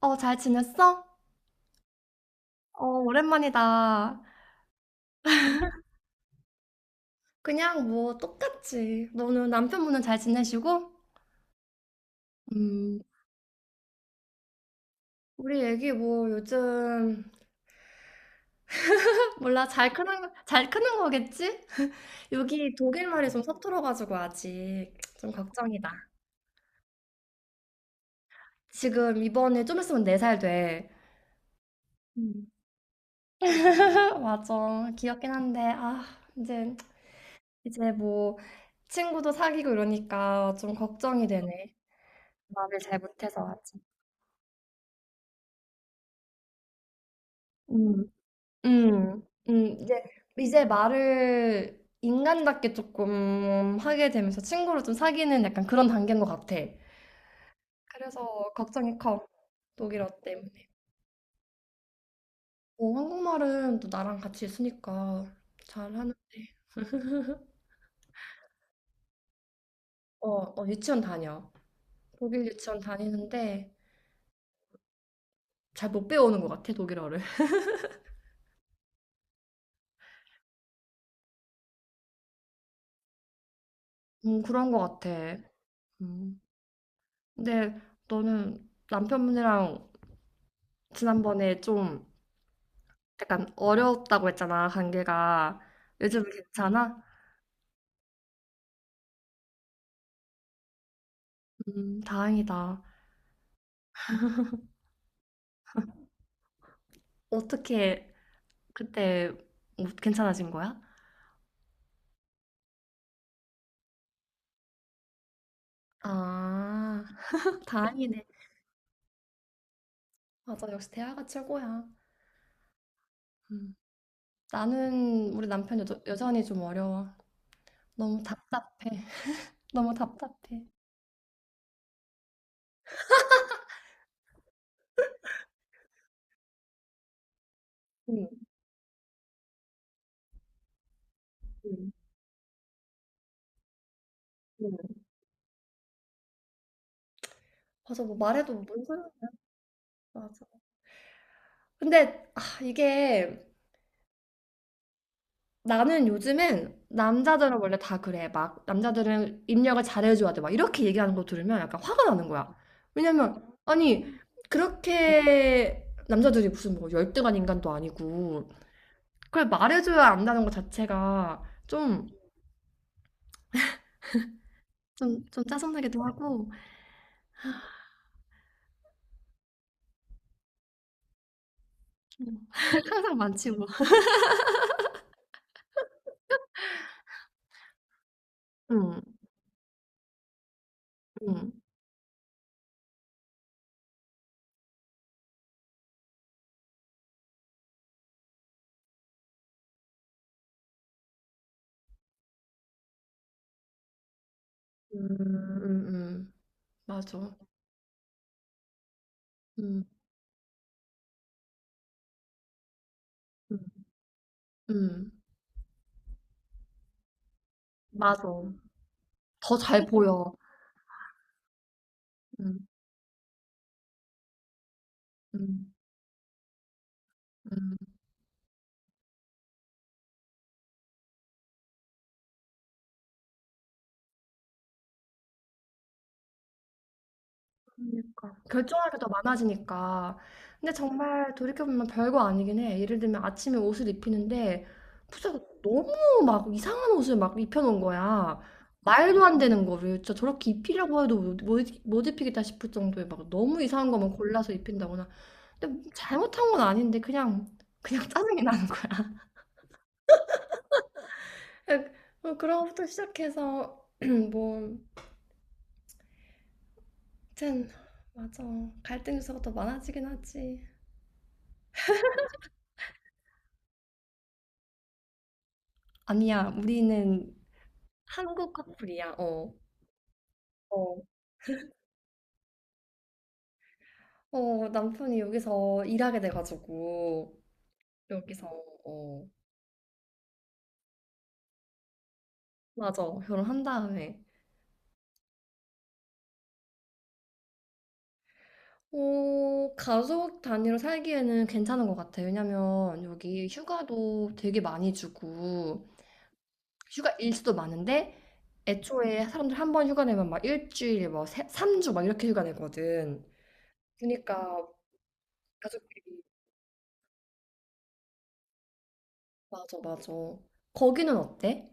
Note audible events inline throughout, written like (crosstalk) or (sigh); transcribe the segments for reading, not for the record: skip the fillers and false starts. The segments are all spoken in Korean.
어, 잘 지냈어? 어, 오랜만이다. 그냥 뭐 똑같지. 너는 남편분은 잘 지내시고? 음, 우리 애기 뭐 요즘 (laughs) 몰라 잘 크는 거겠지? 여기 독일 말이 좀 서툴어가지고 아직 좀 걱정이다. 지금 이번에 좀 있으면 네 살 돼. 음. (laughs) 맞아. 귀엽긴 한데 아 이제 이제 뭐 친구도 사귀고 이러니까 좀 걱정이 되네. 말을 잘 못해서 아직. 이제, 이제 말을 인간답게 조금 하게 되면서 친구를 좀 사귀는 약간 그런 단계인 것 같아. 그래서 걱정이 커, 독일어 때문에. 어, 한국말은 또 나랑 같이 있으니까 잘하는데. 어, 어, 유치원 다녀. 독일 유치원 다니는데 잘 못 배우는 것 같아, 독일어를. (laughs) 그런 것 같아. 음. 근데 너는 남편분이랑 지난번에 좀 약간 어려웠다고 했잖아, 관계가. 요즘은 괜찮아? 다행이다. 어떻게 그때 뭐 괜찮아진 거야? 아, (laughs) 다행이네. 맞아, 역시 대화가 최고야. 음. 나는 우리 남편 여전히 좀 어려워. 너무 답답해. (laughs) 너무 답답해. 응, 응, 응. 맞아, 뭐 말해도 뭔 소용이야. 맞아. 근데 아, 이게 나는 요즘엔 남자들은 원래 다 그래. 막 남자들은 입력을 잘해줘야 돼. 막 이렇게 얘기하는 거 들으면 약간 화가 나는 거야. 왜냐면 아니 그렇게 남자들이 무슨 뭐 열등한 인간도 아니고 그걸 말해줘야 안다는 것 자체가 좀 좀 짜증나기도 하고 음. (laughs) 항상 많지 뭐. 응 응 음, 음, 음. 맞아. 음, 음, 음. 맞아. 더 잘 보여. 음, 음, 음. 그러니까. 결정할 게 더 많아지니까. 근데 정말 돌이켜보면 별거 아니긴 해. 예를 들면 아침에 옷을 입히는데 부자가 너무 막 이상한 옷을 막 입혀놓은 거야. 말도 안 되는 거를 진짜 저렇게 입히려고 해도 못, 못 입히겠다 싶을 정도의 막 너무 이상한 것만 골라서 입힌다거나. 근데 잘못한 건 아닌데 그냥 짜증이 나는 거야. (laughs) 뭐 그런 것부터 시작해서 (clears throat) 뭐, 튼 맞아. 갈등 요소가 더 많아지긴 하지. 아니야, 우리는 한국 커플이야. 어. 어, 어, 남편이 여기서 일하게 돼가지고, 여기서, 어, 맞아. 결혼한 다음에. 어, 가족 단위로 살기에는 괜찮은 것 같아. 왜냐면 여기 휴가도 되게 많이 주고, 휴가 일수도 많은데, 애초에 사람들 한 번 휴가 내면 막 일주일, 뭐, 3주 막 이렇게 휴가 내거든. 그러니까 가족끼리, 맞아, 맞아. 거기는 어때?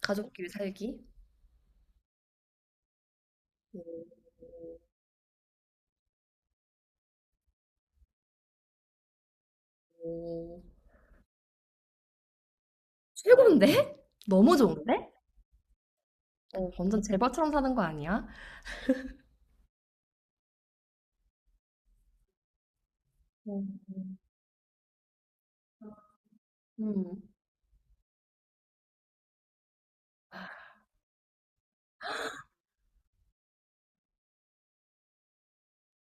가족끼리 살기? 오, 최고인데? (laughs) 너무 좋은데? 어, 어, 완전 제발처럼 사는 거 아니야? 어, 음,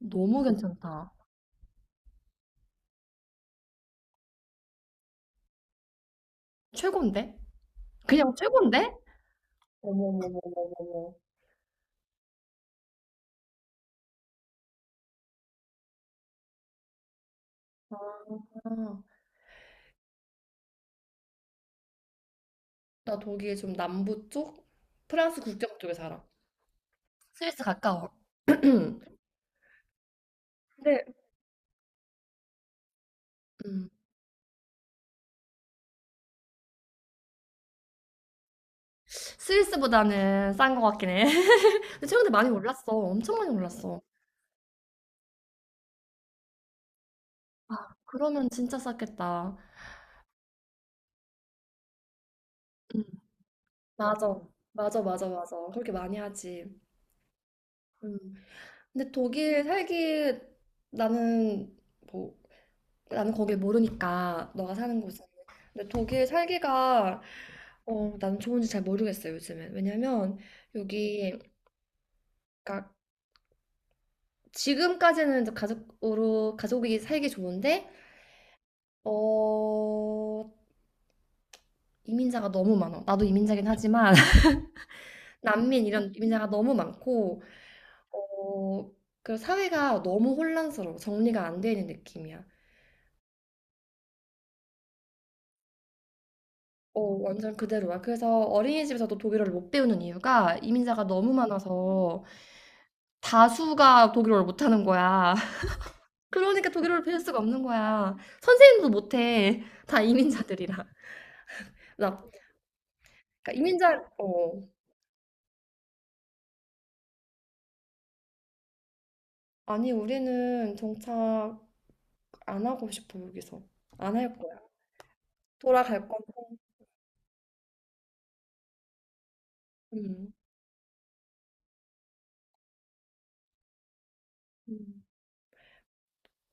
너무 괜찮다. 최고인데? 그냥 최고인데? 어머머머머머머. 아, 나 독일 좀 남부 쪽? 프랑스 국경 쪽에 살아. 스위스 가까워. (clears throat) 근데 음, 스위스보다는 싼 거 같긴 해. (laughs) 근데 최근에 많이 올랐어. 엄청 많이 올랐어. 아, 그러면 진짜 쌌겠다. 음, 맞아. 맞아. 그렇게 많이 하지. 근데 독일 살기 나는 뭐 나는 거길 모르니까 너가 사는 곳은 근데 독일 살기가 어 나는 좋은지 잘 모르겠어요 요즘엔 왜냐면 여기 그러니까 지금까지는 이제 가족으로 가족이 살기 좋은데 어 이민자가 너무 많아 나도 이민자긴 하지만 (laughs) 난민 이런 이민자가 너무 많고 어 그리고 사회가 너무 혼란스러워 정리가 안 되는 느낌이야 어, 완전 그대로야. 그래서 어린이집에서도 독일어를 못 배우는 이유가 이민자가 너무 많아서 다수가 독일어를 못하는 거야. (laughs) 그러니까 독일어를 배울 수가 없는 거야. 선생님도 못해. 다 이민자들이라. 나, 그러니까 이민자, 어. 아니, 우리는 정착 안 하고 싶어, 여기서. 안 할 거야. 돌아갈 거고. 음, 음.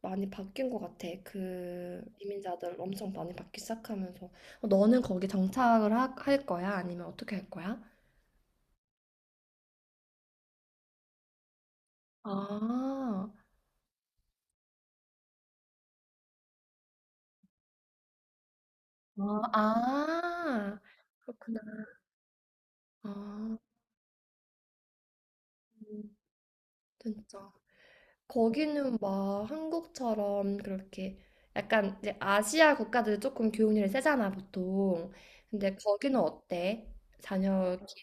많이 바뀐 것 같아. 그 이민자들 엄청 많이 바뀌기 시작하면서. 너는 거기 정착을 할 거야? 아니면 어떻게 할 거야? 아. 아 아. 그렇구나. 아. 진짜. 거기는 막 한국처럼 그렇게 약간 이제 아시아 국가들은 조금 교육률이 세잖아, 보통. 근데 거기는 어때? 자녀 기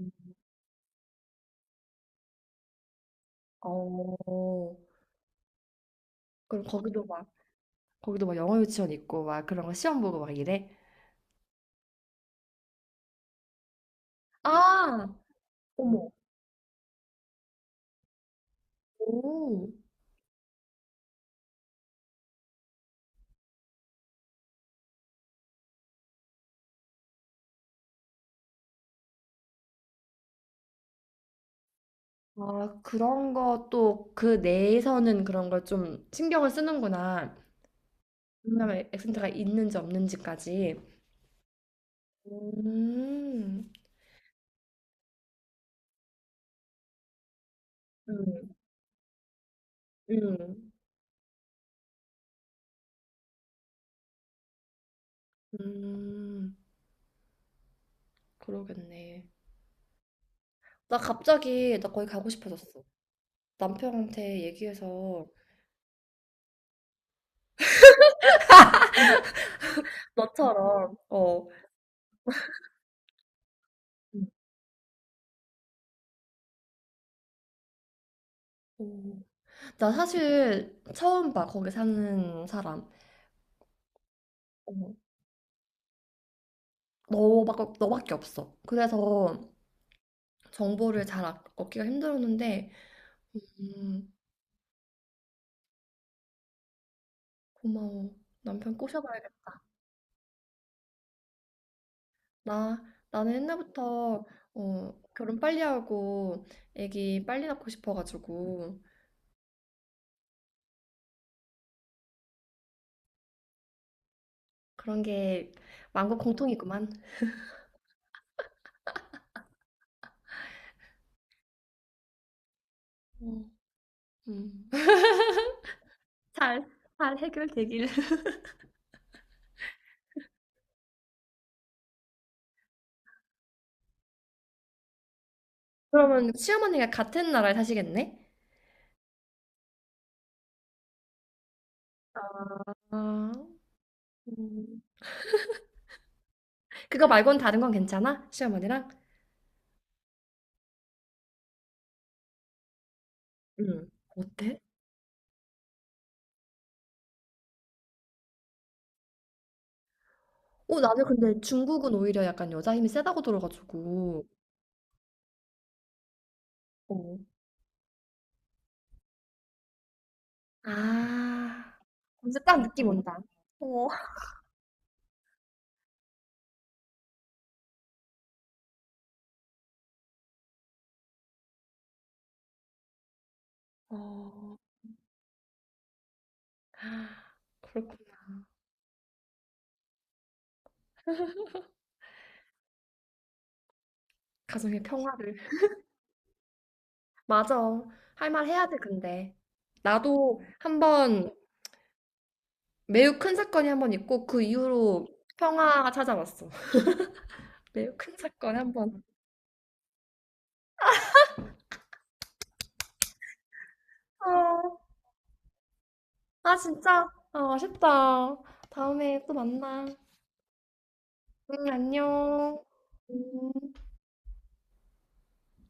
음. 어. 그럼 거기도 막 영어 유치원 있고 막 그런 거 시험 보고 막 이래? 아. 어머. 오. 아, 그런 것도 그 내에서는 그런 걸 좀 신경을 쓰는구나. 동남아 액센트가 있는지 없는지까지. 음, 음, 음. 음, 그러겠네. 나 거기 가고 싶어졌어. 남편한테 얘기해서 너처럼. 어, 음, 오. 나 사실 처음 봐 거기 사는 사람 어. 너밖에 없어. 그래서 정보를 잘 얻기가 힘들었는데 음, 고마워. 남편 꼬셔봐야겠다. 나, 나는 옛날부터 어, 결혼 빨리 하고 애기 빨리 낳고 싶어가지고 그런 게 만국 공통이구만. 음. 음. (laughs) 잘, 잘 해결되길. (laughs) 그러면 시어머니가 같은 나라에 사시겠네? 아, 음. 그거 말고는 다른 건 괜찮아? 시어머니랑? 응. 어때? 어, 나는 근데 중국은 오히려 약간 여자 힘이 세다고 들어가지고. 어. 아, 이제 딱 느낌 온다. 어. 어, (gasps) 그렇구나. 가정의 평화를. (laughs) 맞아. 할 말 해야 돼 근데. 나도 한 번 매우 큰 사건이 한 번 있고, 그 이후로 평화가 찾아왔어. (laughs) 매우 큰 사건이 한 번. 어, 아, 진짜? 아, 아쉽다. 다음에 또 만나. 응, 안녕. 음.